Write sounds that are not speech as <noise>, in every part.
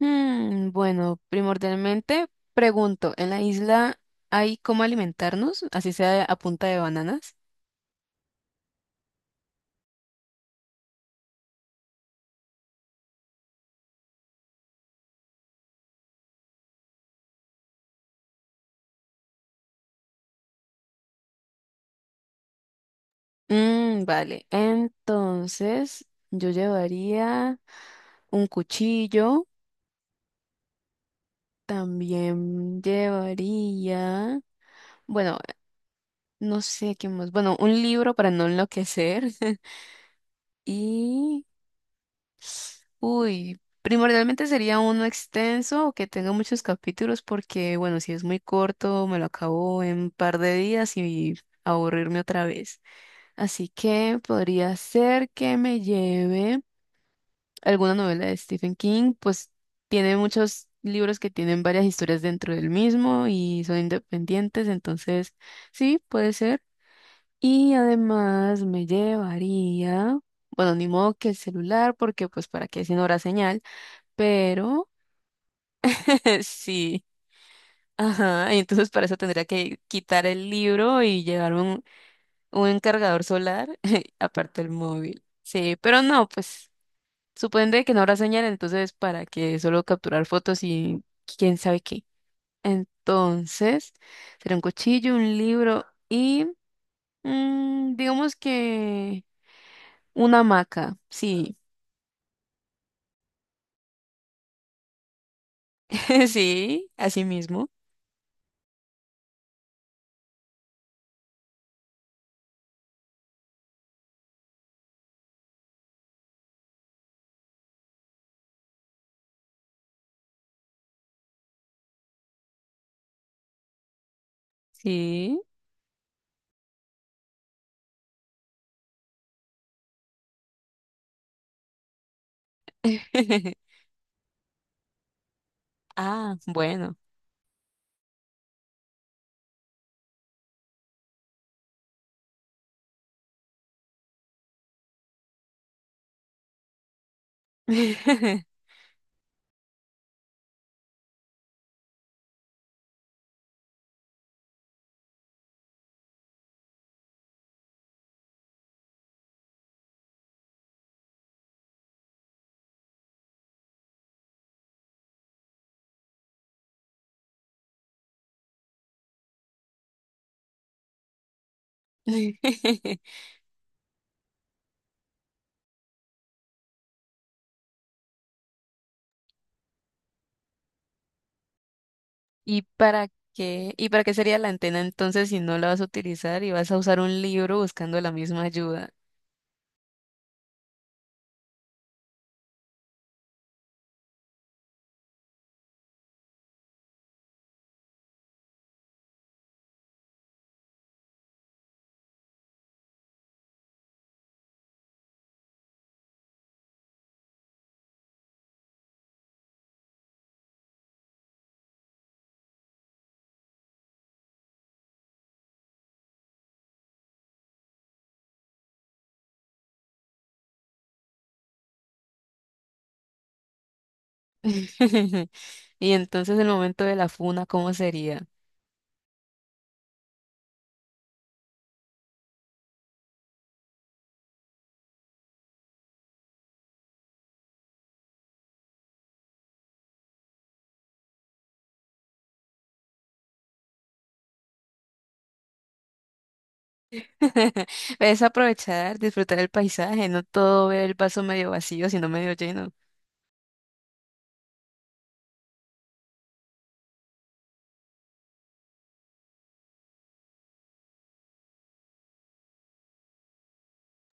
Bueno, primordialmente pregunto, ¿en la isla hay cómo alimentarnos, así sea a punta de bananas? Vale, entonces yo llevaría un cuchillo, también llevaría, bueno, no sé qué más, bueno, un libro para no enloquecer <laughs> y uy, primordialmente sería uno extenso o que tenga muchos capítulos porque, bueno, si es muy corto, me lo acabo en un par de días y aburrirme otra vez. Así que podría ser que me lleve alguna novela de Stephen King, pues tiene muchos libros que tienen varias historias dentro del mismo y son independientes, entonces sí, puede ser. Y además me llevaría, bueno, ni modo que el celular porque pues para qué si no habrá señal. Pero <laughs> sí, ajá, y entonces para eso tendría que quitar el libro y llevar un cargador solar, <laughs> aparte el móvil. Sí, pero no, pues supone que no habrá señal, entonces para que solo capturar fotos y quién sabe qué. Entonces, será un cuchillo, un libro y digamos que una hamaca, sí, <laughs> sí, así mismo, sí. <laughs> Ah, bueno. <laughs> <laughs> ¿Y para qué? ¿Y para qué sería la antena entonces si no la vas a utilizar y vas a usar un libro buscando la misma ayuda? <laughs> Y entonces el momento de la funa, ¿cómo sería? <laughs> Es aprovechar, disfrutar el paisaje, no todo ver el vaso medio vacío, sino medio lleno.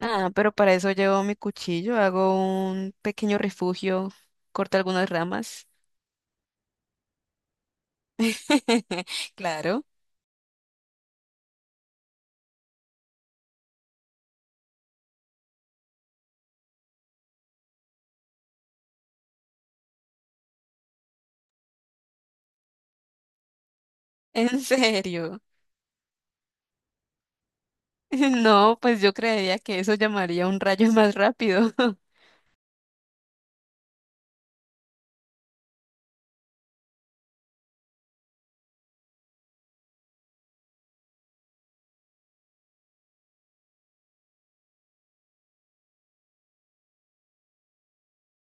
Ah, pero para eso llevo mi cuchillo, hago un pequeño refugio, corto algunas ramas. <laughs> Claro, en serio. <laughs> No, pues yo creería que eso llamaría un rayo más rápido. <laughs>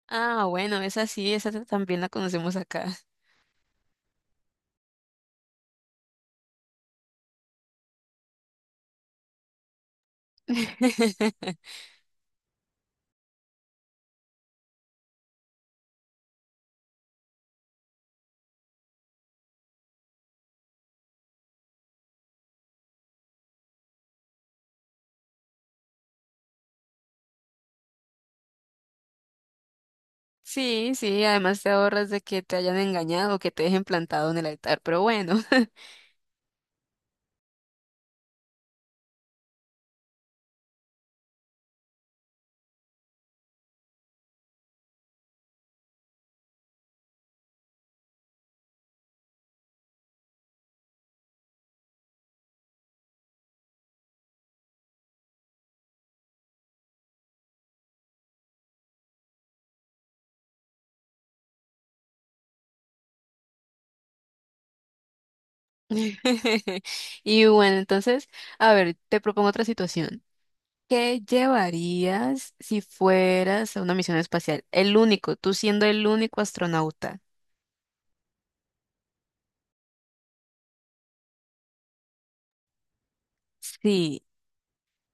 Ah, bueno, esa sí, esa también la conocemos acá. <laughs> Sí, sí, además te ahorras de que te hayan engañado, o que te dejen plantado en el altar, pero bueno. <laughs> Y bueno, entonces, a ver, te propongo otra situación. ¿Qué llevarías si fueras a una misión espacial? El único, tú siendo el único astronauta. Sí.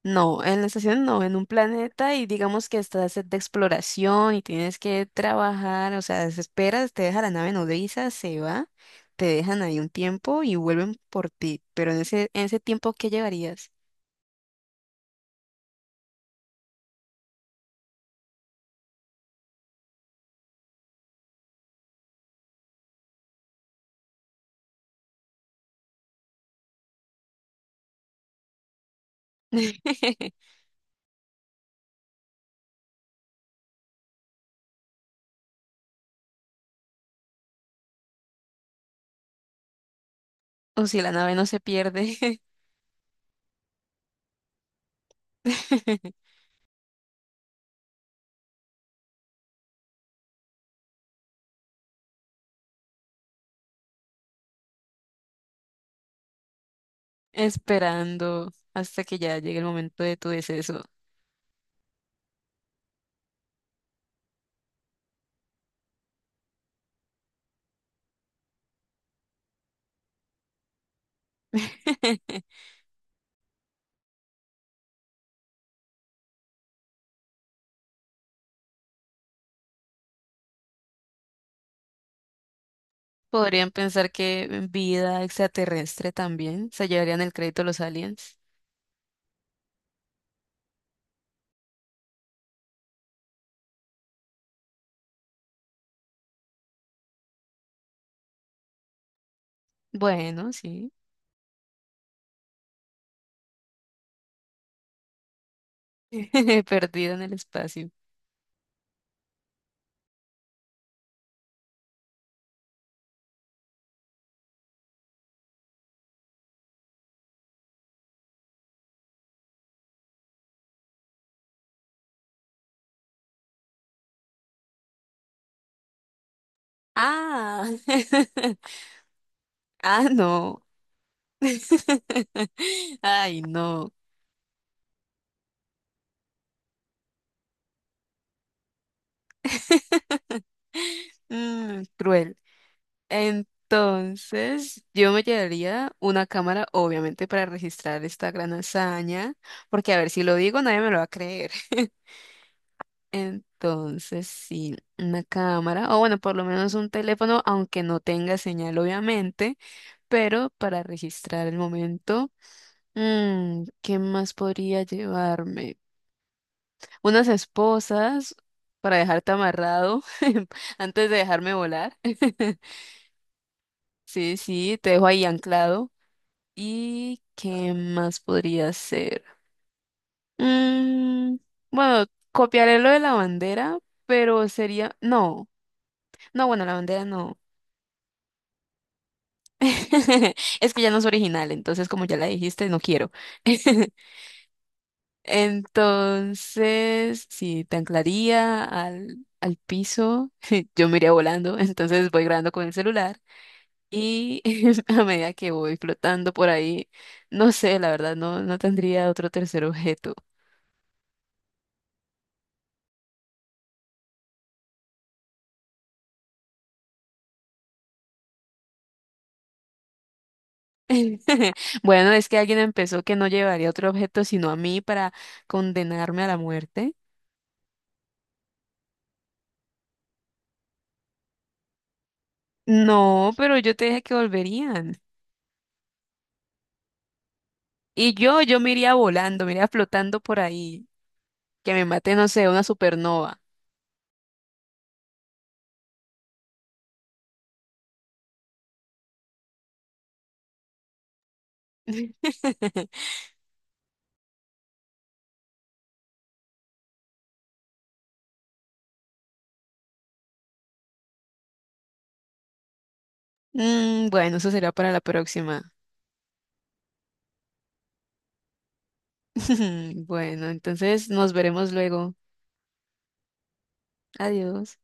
No, en la estación no, en un planeta y digamos que estás de exploración y tienes que trabajar, o sea, desesperas, te deja la nave nodriza, se va, te dejan ahí un tiempo y vuelven por ti, pero en ese tiempo, ¿qué llevarías? <laughs> O si la nave no se pierde, <laughs> esperando hasta que ya llegue el momento de tu deceso. <laughs> Podrían pensar que vida extraterrestre también, se llevarían el crédito los aliens. Bueno, sí. <laughs> Perdido en el espacio. Ah, <laughs> ah, no. <laughs> Ay, no. <laughs> Cruel. Entonces, yo me llevaría una cámara, obviamente, para registrar esta gran hazaña, porque a ver, si lo digo, nadie me lo va a creer. <laughs> Entonces, sí, una cámara, o bueno, por lo menos un teléfono, aunque no tenga señal, obviamente, pero para registrar el momento. Mm, ¿qué más podría llevarme? Unas esposas para dejarte amarrado <laughs> antes de dejarme volar. <laughs> Sí, sí, te dejo ahí anclado. ¿Y qué más podría ser? Mm, bueno, copiaré lo de la bandera, pero sería... No, no, bueno, la bandera no. <laughs> Es que ya no es original, entonces como ya la dijiste, no quiero. <laughs> Entonces, si te anclaría al piso, <laughs> yo me iría volando, <laughs> entonces voy grabando con el celular y <laughs> a medida que voy flotando por ahí, no sé, la verdad, no, no tendría otro tercer objeto. <laughs> Bueno, es que alguien empezó que no llevaría otro objeto sino a mí para condenarme a la muerte. No, pero yo te dije que volverían. Y yo me iría volando, me iría flotando por ahí, que me mate, no sé, una supernova. <laughs> Mm, bueno, eso será para la próxima. <laughs> Bueno, entonces nos veremos luego. Adiós.